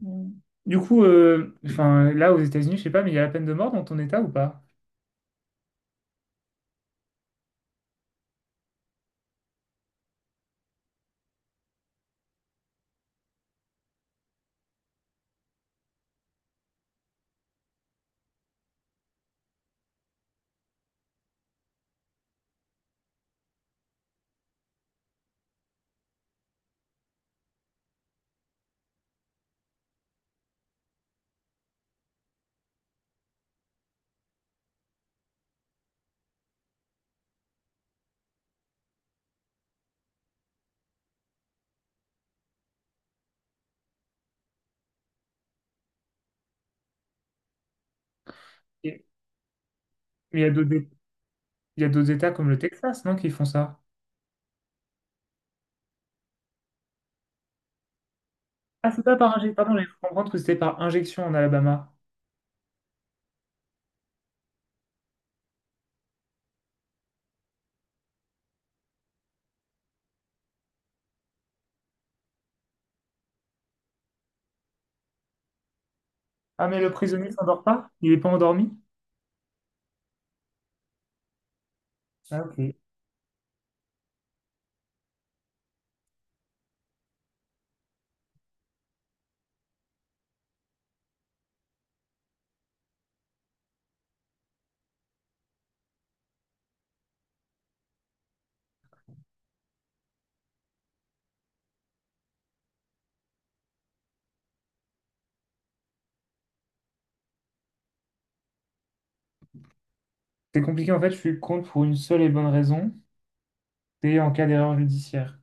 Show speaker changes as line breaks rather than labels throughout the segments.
Mm. Du coup, enfin, là, aux États-Unis, je sais pas, mais il y a la peine de mort dans ton État ou pas? Et- Mais il y a il y a d'autres États comme le Texas, non, qui font ça. Ah, c'est pas par injection. Pardon, j'ai cru comprendre que c'était par injection en Alabama. Ah, mais le prisonnier s'endort pas? Il est pas endormi? Ah, ok. C'est compliqué, en fait, je suis contre pour une seule et bonne raison, c'est en cas d'erreur judiciaire.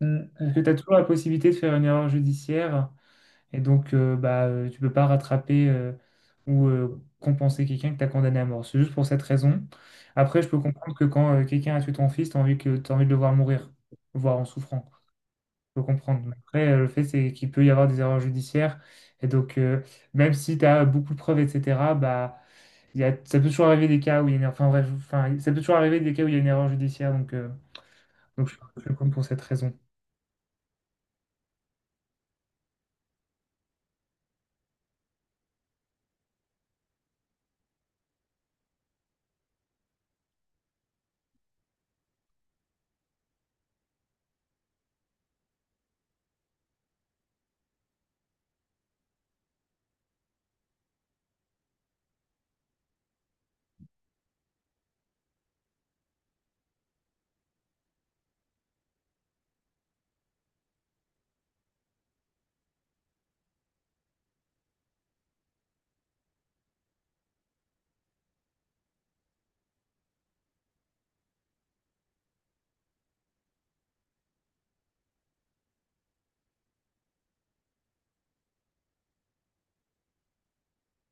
Hmm. Parce que tu as toujours la possibilité de faire une erreur judiciaire. Et donc, tu peux pas rattraper ou compenser quelqu'un que tu as condamné à mort. C'est juste pour cette raison. Après, je peux comprendre que quand quelqu'un a tué ton fils, tu as envie que, t'as envie de le voir mourir, voire en souffrant. Je peux comprendre. Mais après, le fait, c'est qu'il peut y avoir des erreurs judiciaires. Et donc, même si tu as beaucoup de preuves, etc., bah, ça peut toujours arriver des cas où il y a enfin, bref, ça peut toujours arriver des cas où il y a une erreur judiciaire. Donc, donc je, je le compte pour cette raison.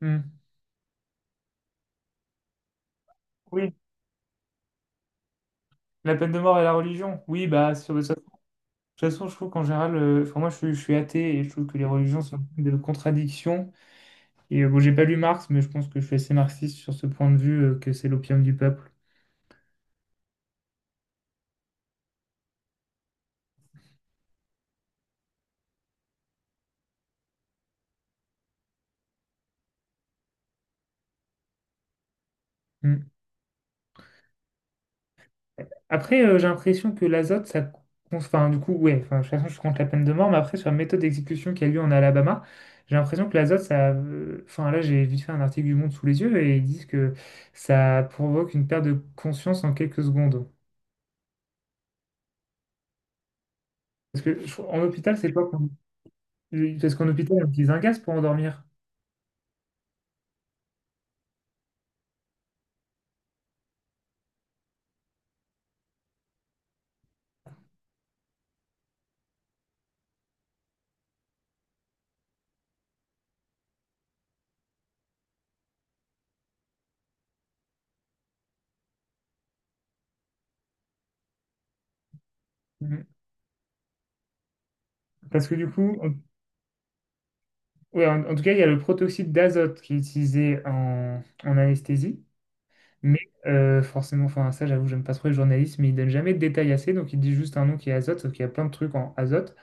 Hmm. Oui, la peine de mort et la religion. Oui, bah, toute façon, je trouve qu'en général, enfin moi, je suis athée et je trouve que les religions sont pleines de contradictions. Et bon, j'ai pas lu Marx, mais je pense que je suis assez marxiste sur ce point de vue que c'est l'opium du peuple. Mm. Après, j'ai l'impression que l'azote, ça. Cons- Enfin, du coup, ouais, enfin, de toute façon, je compte la peine de mort, mais après, sur la méthode d'exécution qui a lieu en Alabama, j'ai l'impression que l'azote, ça. Enfin, là, j'ai vite fait un article du Monde sous les yeux et ils disent que ça provoque une perte de conscience en quelques secondes. En hôpital, parce qu'en hôpital, on utilise un gaz pour endormir. Mm. Parce que du coup, en, ouais, en tout cas, il y a le protoxyde d'azote qui est utilisé en anesthésie. Mais forcément, enfin, ça, j'avoue, j'aime pas trop les journalistes, mais ils donnent jamais de détails assez. Donc, ils disent juste un nom qui est azote, sauf qu'il y a plein de trucs en azote.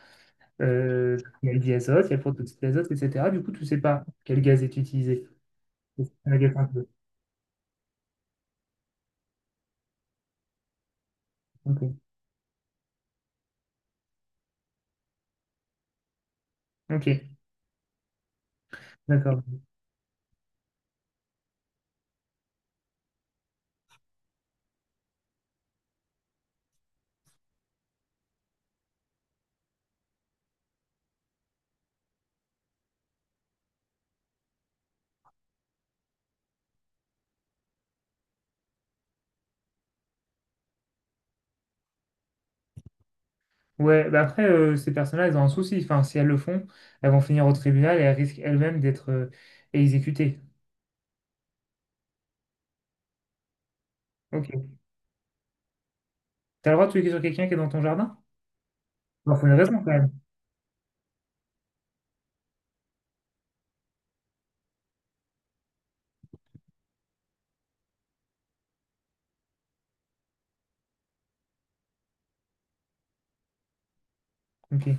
Euh, il y a le diazote, il y a le protoxyde d'azote, etc. Du coup, tu sais pas quel gaz est utilisé. C'est un peu. Ok, ok, d'accord. Ouais, bah après, ces personnes-là, elles ont un souci. Enfin, si elles le font, elles vont finir au tribunal et elles risquent elles-mêmes d'être exécutées. Ok. T'as le droit de tuer sur quelqu'un qui est dans ton jardin? Bah, faut une raison quand même. Ok.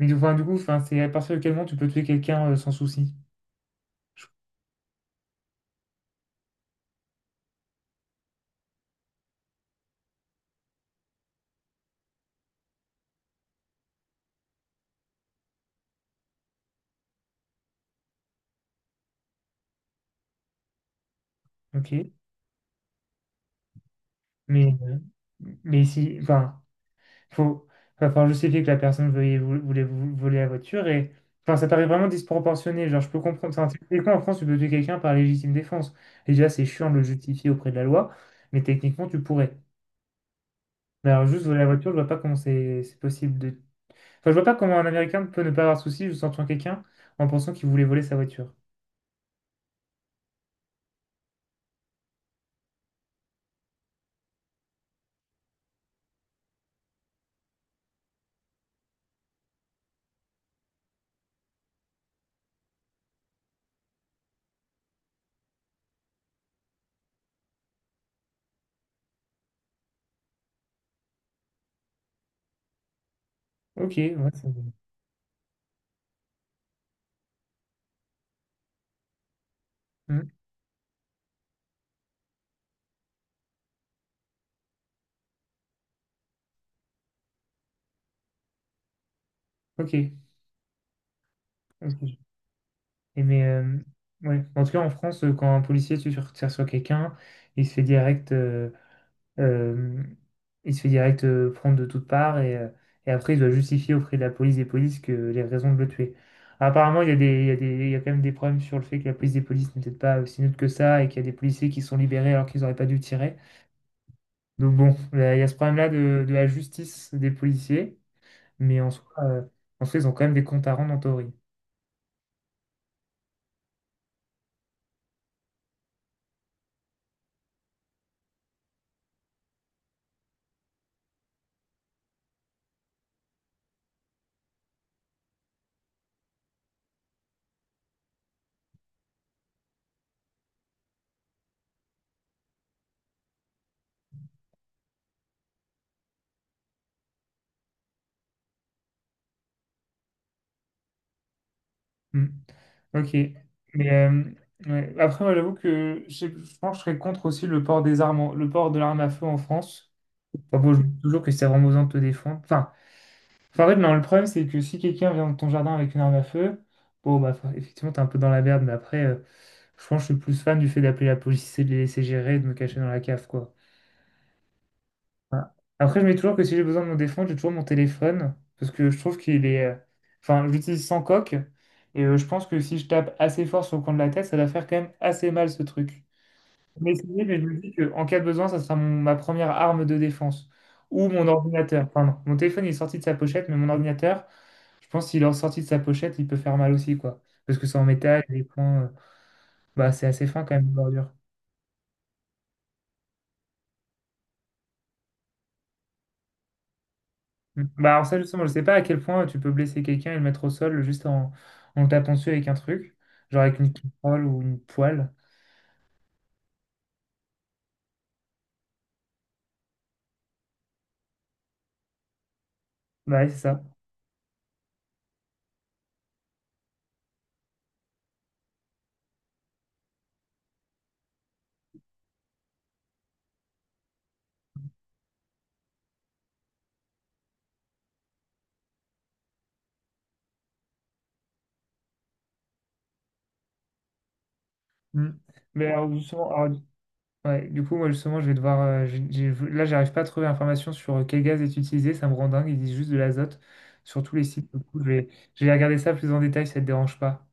Mais enfin, du coup, enfin, c'est à partir de quel moment tu peux tuer quelqu'un sans souci. Je- Ok. Mais, euh, mais si, faut, va falloir justifier que la personne voulait voler la voiture et, enfin, ça paraît vraiment disproportionné. Genre, je peux comprendre. Enfin, techniquement, en France, tu peux tuer quelqu'un par légitime défense. Et déjà, c'est chiant de le justifier auprès de la loi, mais techniquement, tu pourrais. Mais alors, juste voler la voiture, je vois pas comment c'est possible de. Enfin, je vois pas comment un Américain peut ne pas avoir de souci juste en tuant quelqu'un en pensant qu'il voulait voler sa voiture. Ok, ouais, c'est. Bon. Hmm. Ok, ok. Et mais ouais. En tout cas, en France, quand un policier tire sur quelqu'un, il se fait euh, il se fait direct prendre de toutes parts et après il doit justifier auprès de la police des polices que les raisons de le tuer. Apparemment, il y a quand même des problèmes sur le fait que la police des polices n'est peut-être pas aussi neutre que ça et qu'il y a des policiers qui sont libérés alors qu'ils n'auraient pas dû tirer. Donc bon, là, il y a ce problème-là de la justice des policiers, mais en soi, ils ont quand même des comptes à rendre en théorie. Hmm. Ok. Mais ouais. Après, moi, j'avoue que je pense que je serais contre aussi le port de l'arme à feu en France. Enfin, bon, je me dis toujours que c'est vraiment besoin de te défendre. Enfin, enfin, en fait, non, le problème, c'est que si quelqu'un vient dans ton jardin avec une arme à feu, bon, bah, enfin, effectivement, t'es un peu dans la merde, mais après, je pense que je suis plus fan du fait d'appeler la police et de les laisser gérer, et de me cacher dans la cave, quoi. Voilà. Après, je mets toujours que si j'ai besoin de me défendre, j'ai toujours mon téléphone parce que je trouve qu'il est. Enfin, je l'utilise sans coque et je pense que si je tape assez fort sur le coin de la tête, ça va faire quand même assez mal ce truc. Mais c'est vrai, mais je me dis qu'en cas de besoin, ça sera ma première arme de défense ou mon ordinateur. Pardon, mon téléphone il est sorti de sa pochette, mais mon ordinateur, je pense qu'il est sorti de sa pochette, il peut faire mal aussi, quoi. Parce que c'est en métal, les coins, bah, c'est assez fin quand même, une bordure. Mm. Bah alors ça justement, je sais pas à quel point tu peux blesser quelqu'un et le mettre au sol juste en le tapant dessus avec un truc, genre avec une casserole ou une poêle. Bah ouais, c'est ça. Mm. Mais alors, justement, alors, du ouais, du coup, moi justement, je vais devoir... là, j'arrive pas à trouver l'information sur quel gaz est utilisé, ça me rend dingue, ils disent juste de l'azote sur tous les sites. Du coup, je vais regarder ça plus en détail si ça te dérange pas.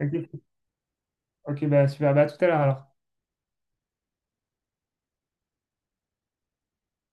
Ok, ok, bah super, bah à tout à l'heure alors.